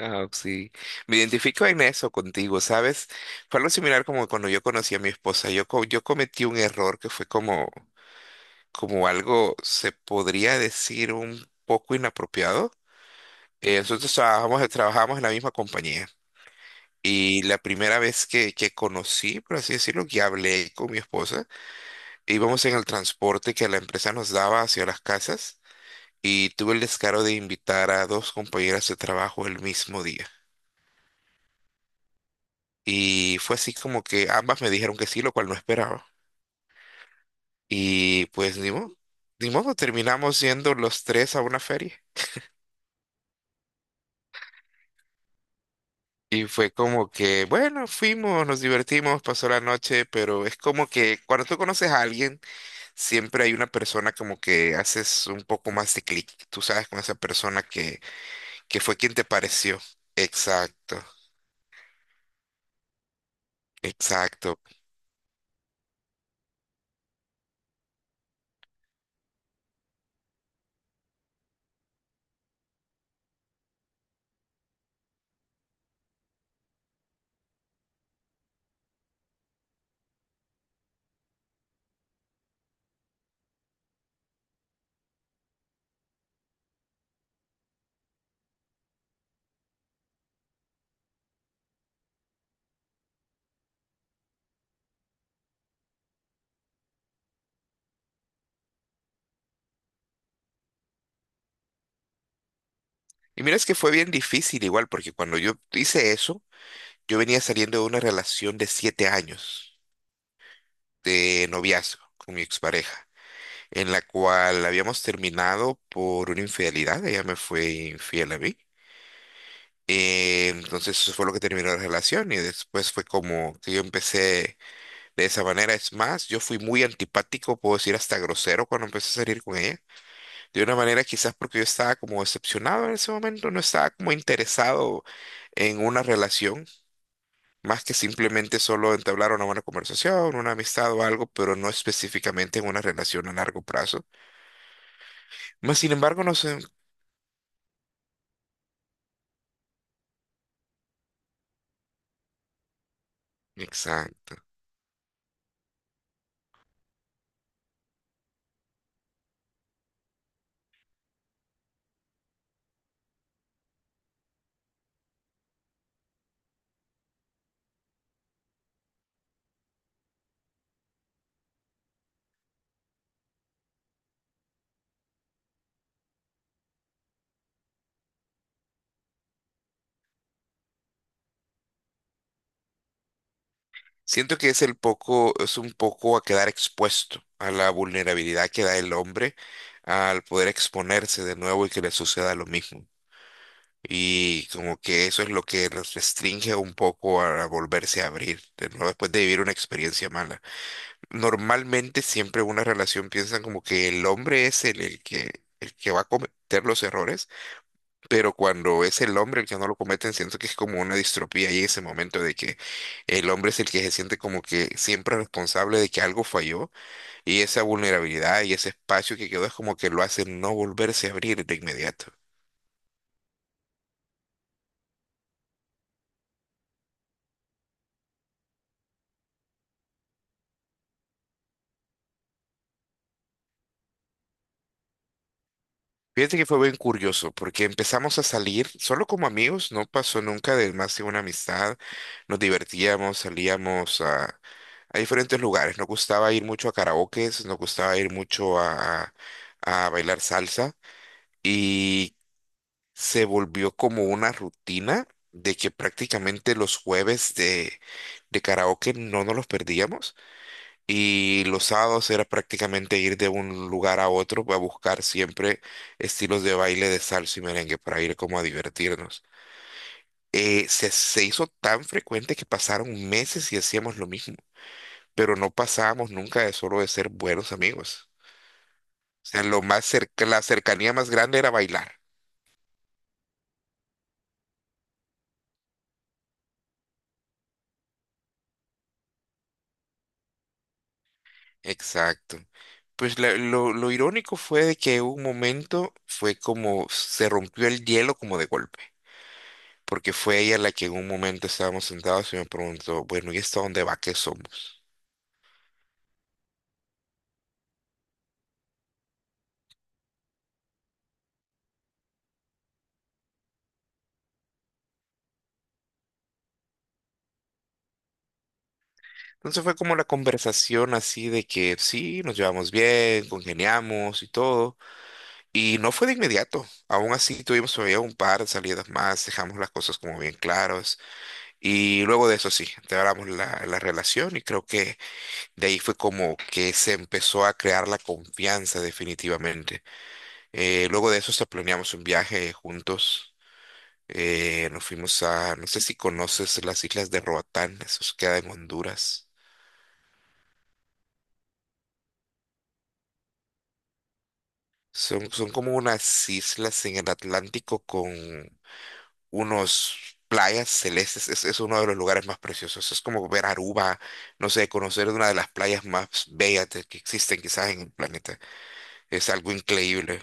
Ah, sí. Me identifico en eso contigo, ¿sabes? Fue algo similar como cuando yo conocí a mi esposa. Yo cometí un error que fue como, como algo, se podría decir, un poco inapropiado. Nosotros trabajábamos en la misma compañía. Y la primera vez que conocí, por así decirlo, que hablé con mi esposa, íbamos en el transporte que la empresa nos daba hacia las casas y tuve el descaro de invitar a dos compañeras de trabajo el mismo día. Y fue así como que ambas me dijeron que sí, lo cual no esperaba. Y pues ni modo, ni modo, terminamos yendo los tres a una feria. Y fue como que, bueno, fuimos, nos divertimos, pasó la noche, pero es como que cuando tú conoces a alguien, siempre hay una persona como que haces un poco más de clic, tú sabes, con esa que fue quien te pareció. Exacto, exacto. Y mira, es que fue bien difícil igual, porque cuando yo hice eso, yo venía saliendo de una relación de siete años de noviazgo con mi expareja, en la cual habíamos terminado por una infidelidad, ella me fue infiel a mí. Entonces eso fue lo que terminó la relación y después fue como que yo empecé de esa manera. Es más, yo fui muy antipático, puedo decir hasta grosero cuando empecé a salir con ella. De una manera quizás porque yo estaba como decepcionado en ese momento, no estaba como interesado en una relación, más que simplemente solo entablar una buena conversación, una amistad o algo, pero no específicamente en una relación a largo plazo. Mas, sin embargo, no sé, exacto. Siento que es el poco, es un poco a quedar expuesto a la vulnerabilidad que da el hombre al poder exponerse de nuevo y que le suceda lo mismo. Y como que eso es lo que nos restringe un poco a volverse a abrir de nuevo después de vivir una experiencia mala. Normalmente siempre una relación piensan como que el hombre es el que va a cometer los errores, pero cuando es el hombre el que no lo cometen, siento que es como una distropía ahí ese momento de que el hombre es el que se siente como que siempre responsable de que algo falló y esa vulnerabilidad y ese espacio que quedó es como que lo hace no volverse a abrir de inmediato. Fíjate que fue bien curioso porque empezamos a salir solo como amigos, no pasó nunca de más que una amistad, nos divertíamos, salíamos a diferentes lugares. Nos gustaba ir mucho a karaokes, nos gustaba ir mucho a bailar salsa y se volvió como una rutina de que prácticamente los de karaoke no nos los perdíamos y los sábados era prácticamente ir de un lugar a otro a buscar siempre estilos de baile de salsa y merengue para ir como a divertirnos. Se hizo tan frecuente que pasaron meses y hacíamos lo mismo pero no pasábamos nunca de solo de ser buenos amigos. O sea, lo más cerca, la cercanía más grande era bailar. Exacto. Pues lo irónico fue de que un momento fue como se rompió el hielo como de golpe, porque fue ella la que en un momento estábamos sentados y me preguntó, bueno, ¿y esto a dónde va? ¿Qué somos? Entonces fue como la conversación así de que sí, nos llevamos bien, congeniamos y todo. Y no fue de inmediato. Aún así tuvimos todavía un par de salidas más, dejamos las cosas como bien claras. Y luego de eso sí, empeoramos la relación y creo que de ahí fue como que se empezó a crear la confianza definitivamente. Luego de eso hasta planeamos un viaje juntos. Nos fuimos a, no sé si conoces las islas de Roatán, eso queda en Honduras. Son como unas islas en el Atlántico con unos playas celestes. Es uno de los lugares más preciosos. Es como ver Aruba, no sé, conocer una de las playas más bellas de- que existen quizás en el planeta. Es algo increíble.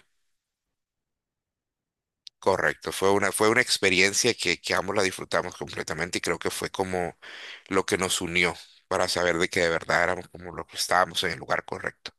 Correcto, fue una experiencia que ambos la disfrutamos completamente y creo que fue como lo que nos unió para saber de que de verdad éramos como lo que estábamos en el lugar correcto.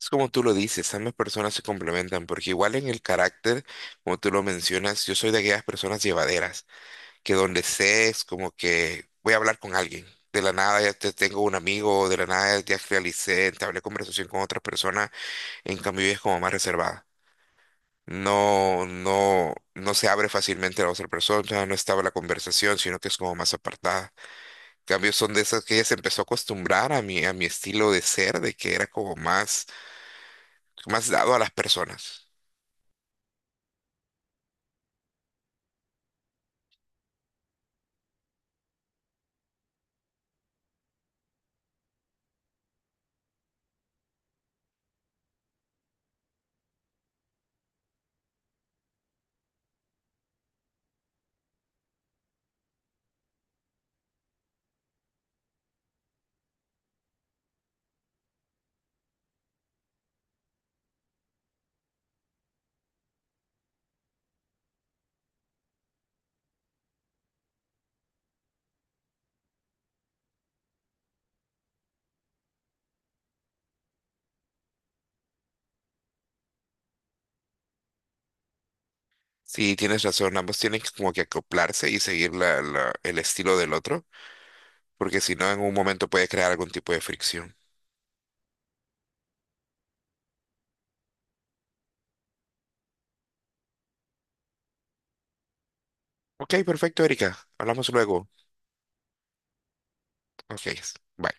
Es como tú lo dices, ambas personas se complementan porque igual en el carácter, como tú lo mencionas, yo soy de aquellas personas llevaderas, que donde sé es como que voy a hablar con alguien. De la nada ya te tengo un amigo, de la nada ya realicé, entablé conversación con otra persona, en cambio ella es como más reservada. No se abre fácilmente a la otra persona, no estaba la conversación, sino que es como más apartada. En cambio son de esas que ella se empezó a acostumbrar a a mi estilo de ser, de que era como más, más dado a las personas. Sí, tienes razón, ambos tienen que como que acoplarse y seguir el estilo del otro, porque si no, en un momento puede crear algún tipo de fricción. Ok, perfecto, Erika. Hablamos luego. Ok, bye.